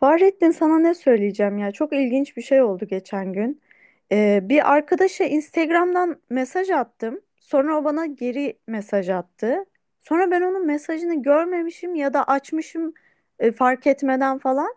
Fahrettin sana ne söyleyeceğim ya, çok ilginç bir şey oldu geçen gün. Bir arkadaşa Instagram'dan mesaj attım. Sonra o bana geri mesaj attı. Sonra ben onun mesajını görmemişim ya da açmışım, fark etmeden falan.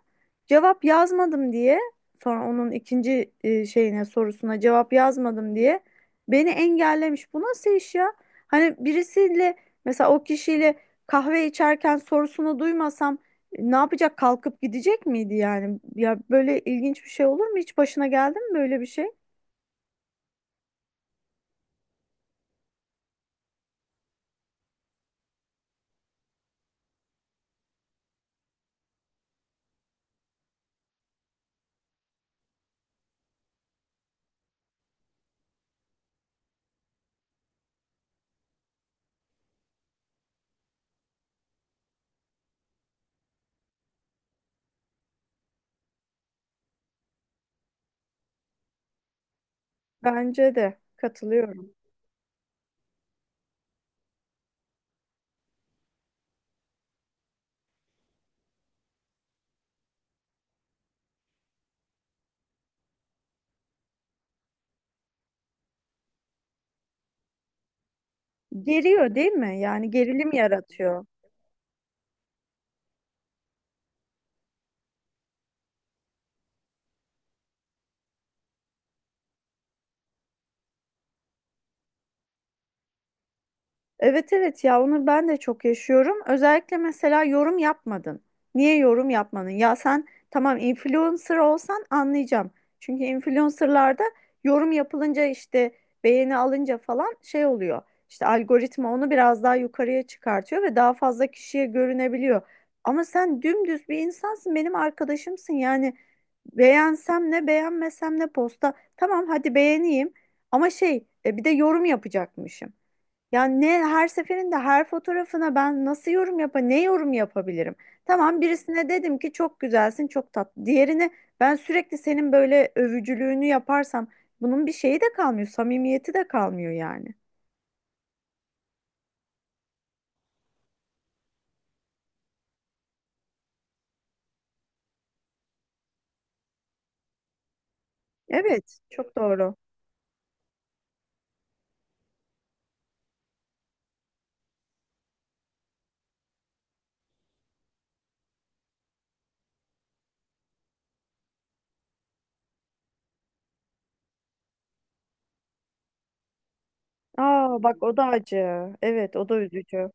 Cevap yazmadım diye, sonra onun ikinci şeyine, sorusuna cevap yazmadım diye beni engellemiş. Bu nasıl iş ya? Hani birisiyle, mesela o kişiyle kahve içerken sorusunu duymasam ne yapacak? Kalkıp gidecek miydi yani? Ya böyle ilginç bir şey olur mu? Hiç başına geldi mi böyle bir şey? Bence de katılıyorum. Geriyor değil mi? Yani gerilim yaratıyor. Evet evet, ya onu ben de çok yaşıyorum. Özellikle mesela yorum yapmadın. Niye yorum yapmadın? Ya sen tamam, influencer olsan anlayacağım. Çünkü influencerlarda yorum yapılınca işte, beğeni alınca falan şey oluyor. İşte algoritma onu biraz daha yukarıya çıkartıyor ve daha fazla kişiye görünebiliyor. Ama sen dümdüz bir insansın, benim arkadaşımsın. Yani beğensem ne, beğenmesem ne posta. Tamam hadi beğeneyim, ama şey, bir de yorum yapacakmışım. Ya ne, her seferinde her fotoğrafına ben nasıl yorum ne yorum yapabilirim? Tamam birisine dedim ki çok güzelsin, çok tatlı. Diğerine ben sürekli senin böyle övücülüğünü yaparsam bunun bir şeyi de kalmıyor, samimiyeti de kalmıyor yani. Evet, çok doğru. Aa bak, o da acı. Evet, o da üzücü.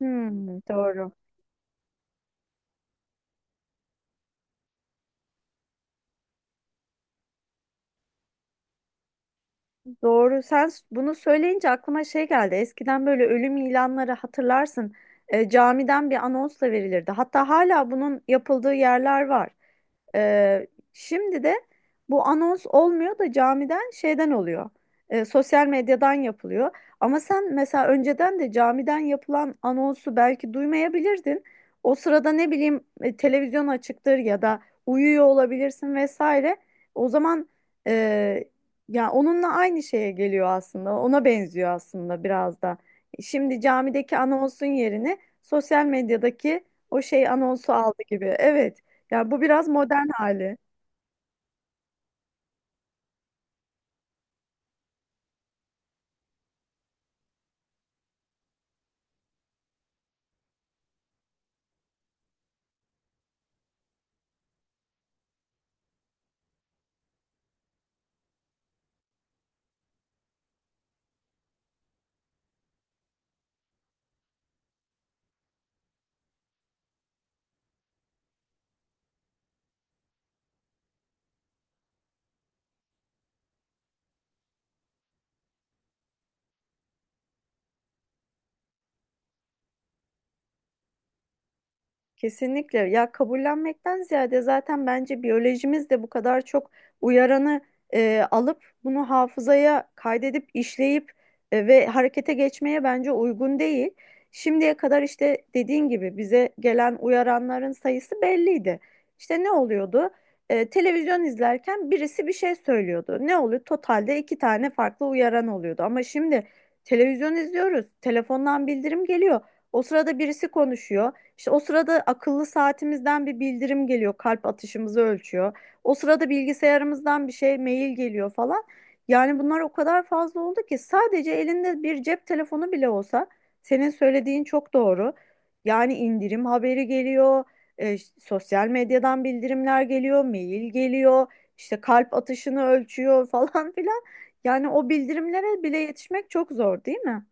Hmm, doğru. Doğru. Bunu söyleyince aklıma şey geldi. Eskiden böyle ölüm ilanları hatırlarsın. Camiden bir anonsla verilirdi. Hatta hala bunun yapıldığı yerler var. E, Şimdi de bu anons olmuyor da camiden, şeyden oluyor. Sosyal medyadan yapılıyor. Ama sen mesela önceden de camiden yapılan anonsu belki duymayabilirdin. O sırada ne bileyim, televizyon açıktır ya da uyuyor olabilirsin vesaire. O zaman ya onunla aynı şeye geliyor aslında. Ona benziyor aslında biraz da. Şimdi camideki anonsun yerine sosyal medyadaki o şey anonsu aldı gibi. Evet. Ya bu biraz modern hali. Kesinlikle, ya kabullenmekten ziyade zaten bence biyolojimiz de bu kadar çok uyaranı alıp bunu hafızaya kaydedip işleyip ve harekete geçmeye bence uygun değil. Şimdiye kadar işte dediğin gibi bize gelen uyaranların sayısı belliydi. İşte ne oluyordu? Televizyon izlerken birisi bir şey söylüyordu. Ne oluyor? Totalde iki tane farklı uyaran oluyordu. Ama şimdi televizyon izliyoruz, telefondan bildirim geliyor. O sırada birisi konuşuyor. İşte o sırada akıllı saatimizden bir bildirim geliyor, kalp atışımızı ölçüyor. O sırada bilgisayarımızdan bir şey, mail geliyor falan. Yani bunlar o kadar fazla oldu ki sadece elinde bir cep telefonu bile olsa senin söylediğin çok doğru. Yani indirim haberi geliyor, sosyal medyadan bildirimler geliyor, mail geliyor, işte kalp atışını ölçüyor falan filan. Yani o bildirimlere bile yetişmek çok zor, değil mi?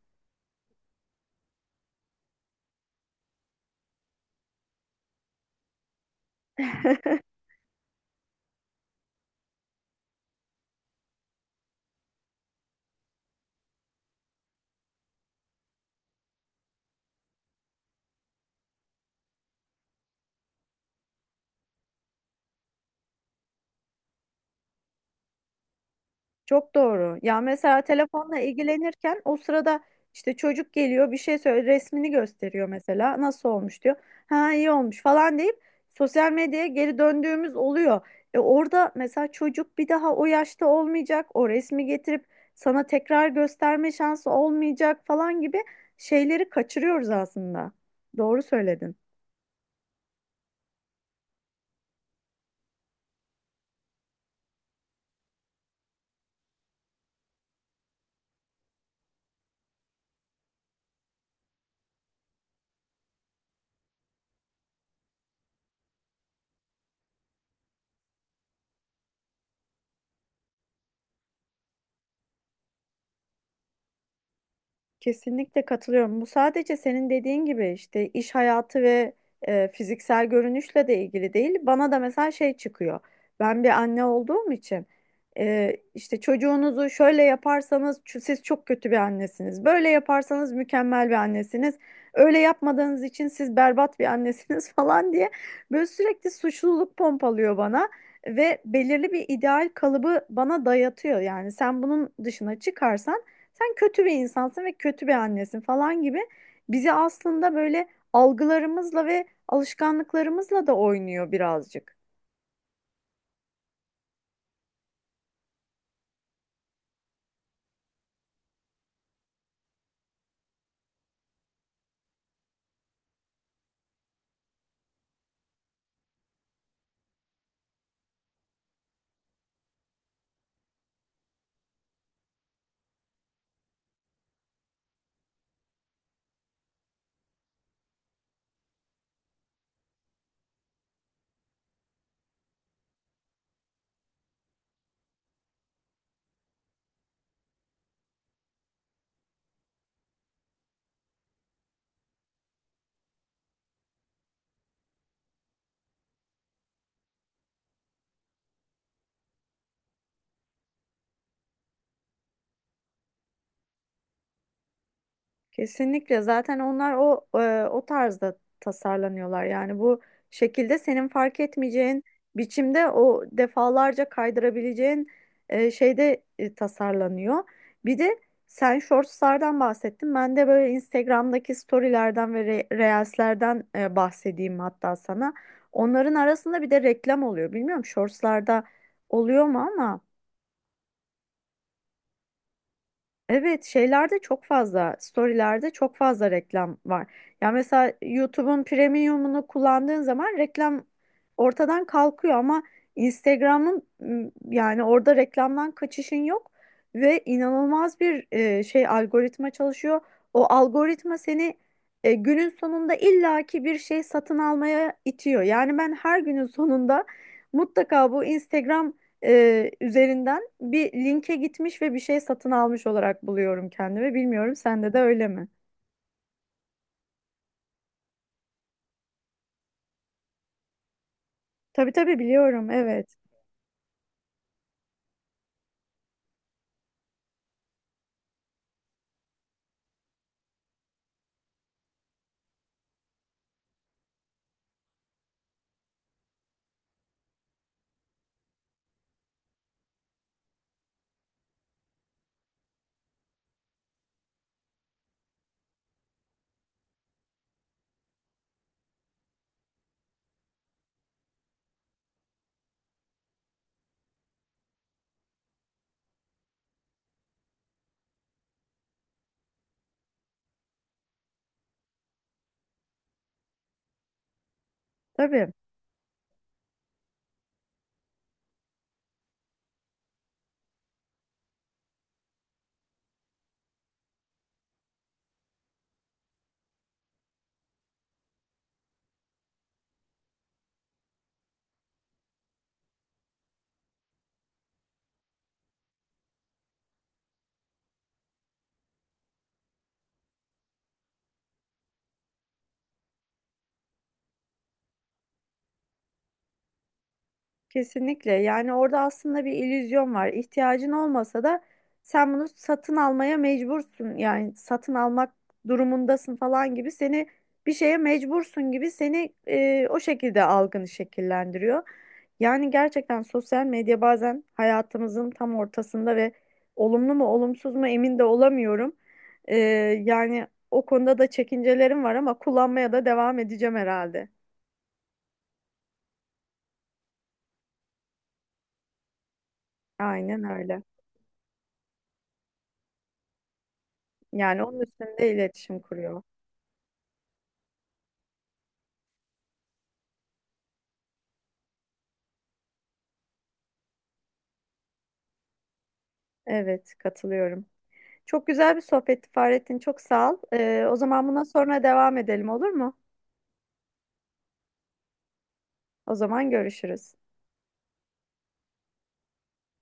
Çok doğru. Ya mesela telefonla ilgilenirken o sırada işte çocuk geliyor, bir şey söyle resmini gösteriyor, mesela nasıl olmuş diyor. Ha iyi olmuş falan deyip sosyal medyaya geri döndüğümüz oluyor. E orada mesela çocuk bir daha o yaşta olmayacak. O resmi getirip sana tekrar gösterme şansı olmayacak falan gibi şeyleri kaçırıyoruz aslında. Doğru söyledin. Kesinlikle katılıyorum. Bu sadece senin dediğin gibi işte iş hayatı ve fiziksel görünüşle de ilgili değil. Bana da mesela şey çıkıyor. Ben bir anne olduğum için işte çocuğunuzu şöyle yaparsanız siz çok kötü bir annesiniz. Böyle yaparsanız mükemmel bir annesiniz. Öyle yapmadığınız için siz berbat bir annesiniz falan diye böyle sürekli suçluluk pompalıyor bana ve belirli bir ideal kalıbı bana dayatıyor. Yani sen bunun dışına çıkarsan sen kötü bir insansın ve kötü bir annesin falan gibi bizi aslında böyle algılarımızla ve alışkanlıklarımızla da oynuyor birazcık. Kesinlikle, zaten onlar o o tarzda tasarlanıyorlar. Yani bu şekilde senin fark etmeyeceğin biçimde, o defalarca kaydırabileceğin şeyde tasarlanıyor. Bir de sen shortslardan bahsettin. Ben de böyle Instagram'daki storylerden ve reelslerden bahsedeyim hatta sana. Onların arasında bir de reklam oluyor. Bilmiyorum shortslarda oluyor mu ama. Evet, şeylerde çok fazla, storylerde çok fazla reklam var. Ya mesela YouTube'un premiumunu kullandığın zaman reklam ortadan kalkıyor, ama Instagram'ın yani orada reklamdan kaçışın yok ve inanılmaz bir şey algoritma çalışıyor. O algoritma seni günün sonunda illaki bir şey satın almaya itiyor. Yani ben her günün sonunda mutlaka bu Instagram üzerinden bir linke gitmiş ve bir şey satın almış olarak buluyorum kendimi. Bilmiyorum sende de öyle mi? Tabii tabii, biliyorum, evet. Tabii. Kesinlikle. Yani orada aslında bir illüzyon var. İhtiyacın olmasa da sen bunu satın almaya mecbursun. Yani satın almak durumundasın falan gibi, seni bir şeye mecbursun gibi seni o şekilde algını şekillendiriyor. Yani gerçekten sosyal medya bazen hayatımızın tam ortasında ve olumlu mu olumsuz mu emin de olamıyorum. E, Yani o konuda da çekincelerim var ama kullanmaya da devam edeceğim herhalde. Aynen öyle. Yani onun üstünde iletişim kuruyor. Evet, katılıyorum. Çok güzel bir sohbetti Fahrettin. Çok sağ ol. O zaman bundan sonra devam edelim, olur mu? O zaman görüşürüz.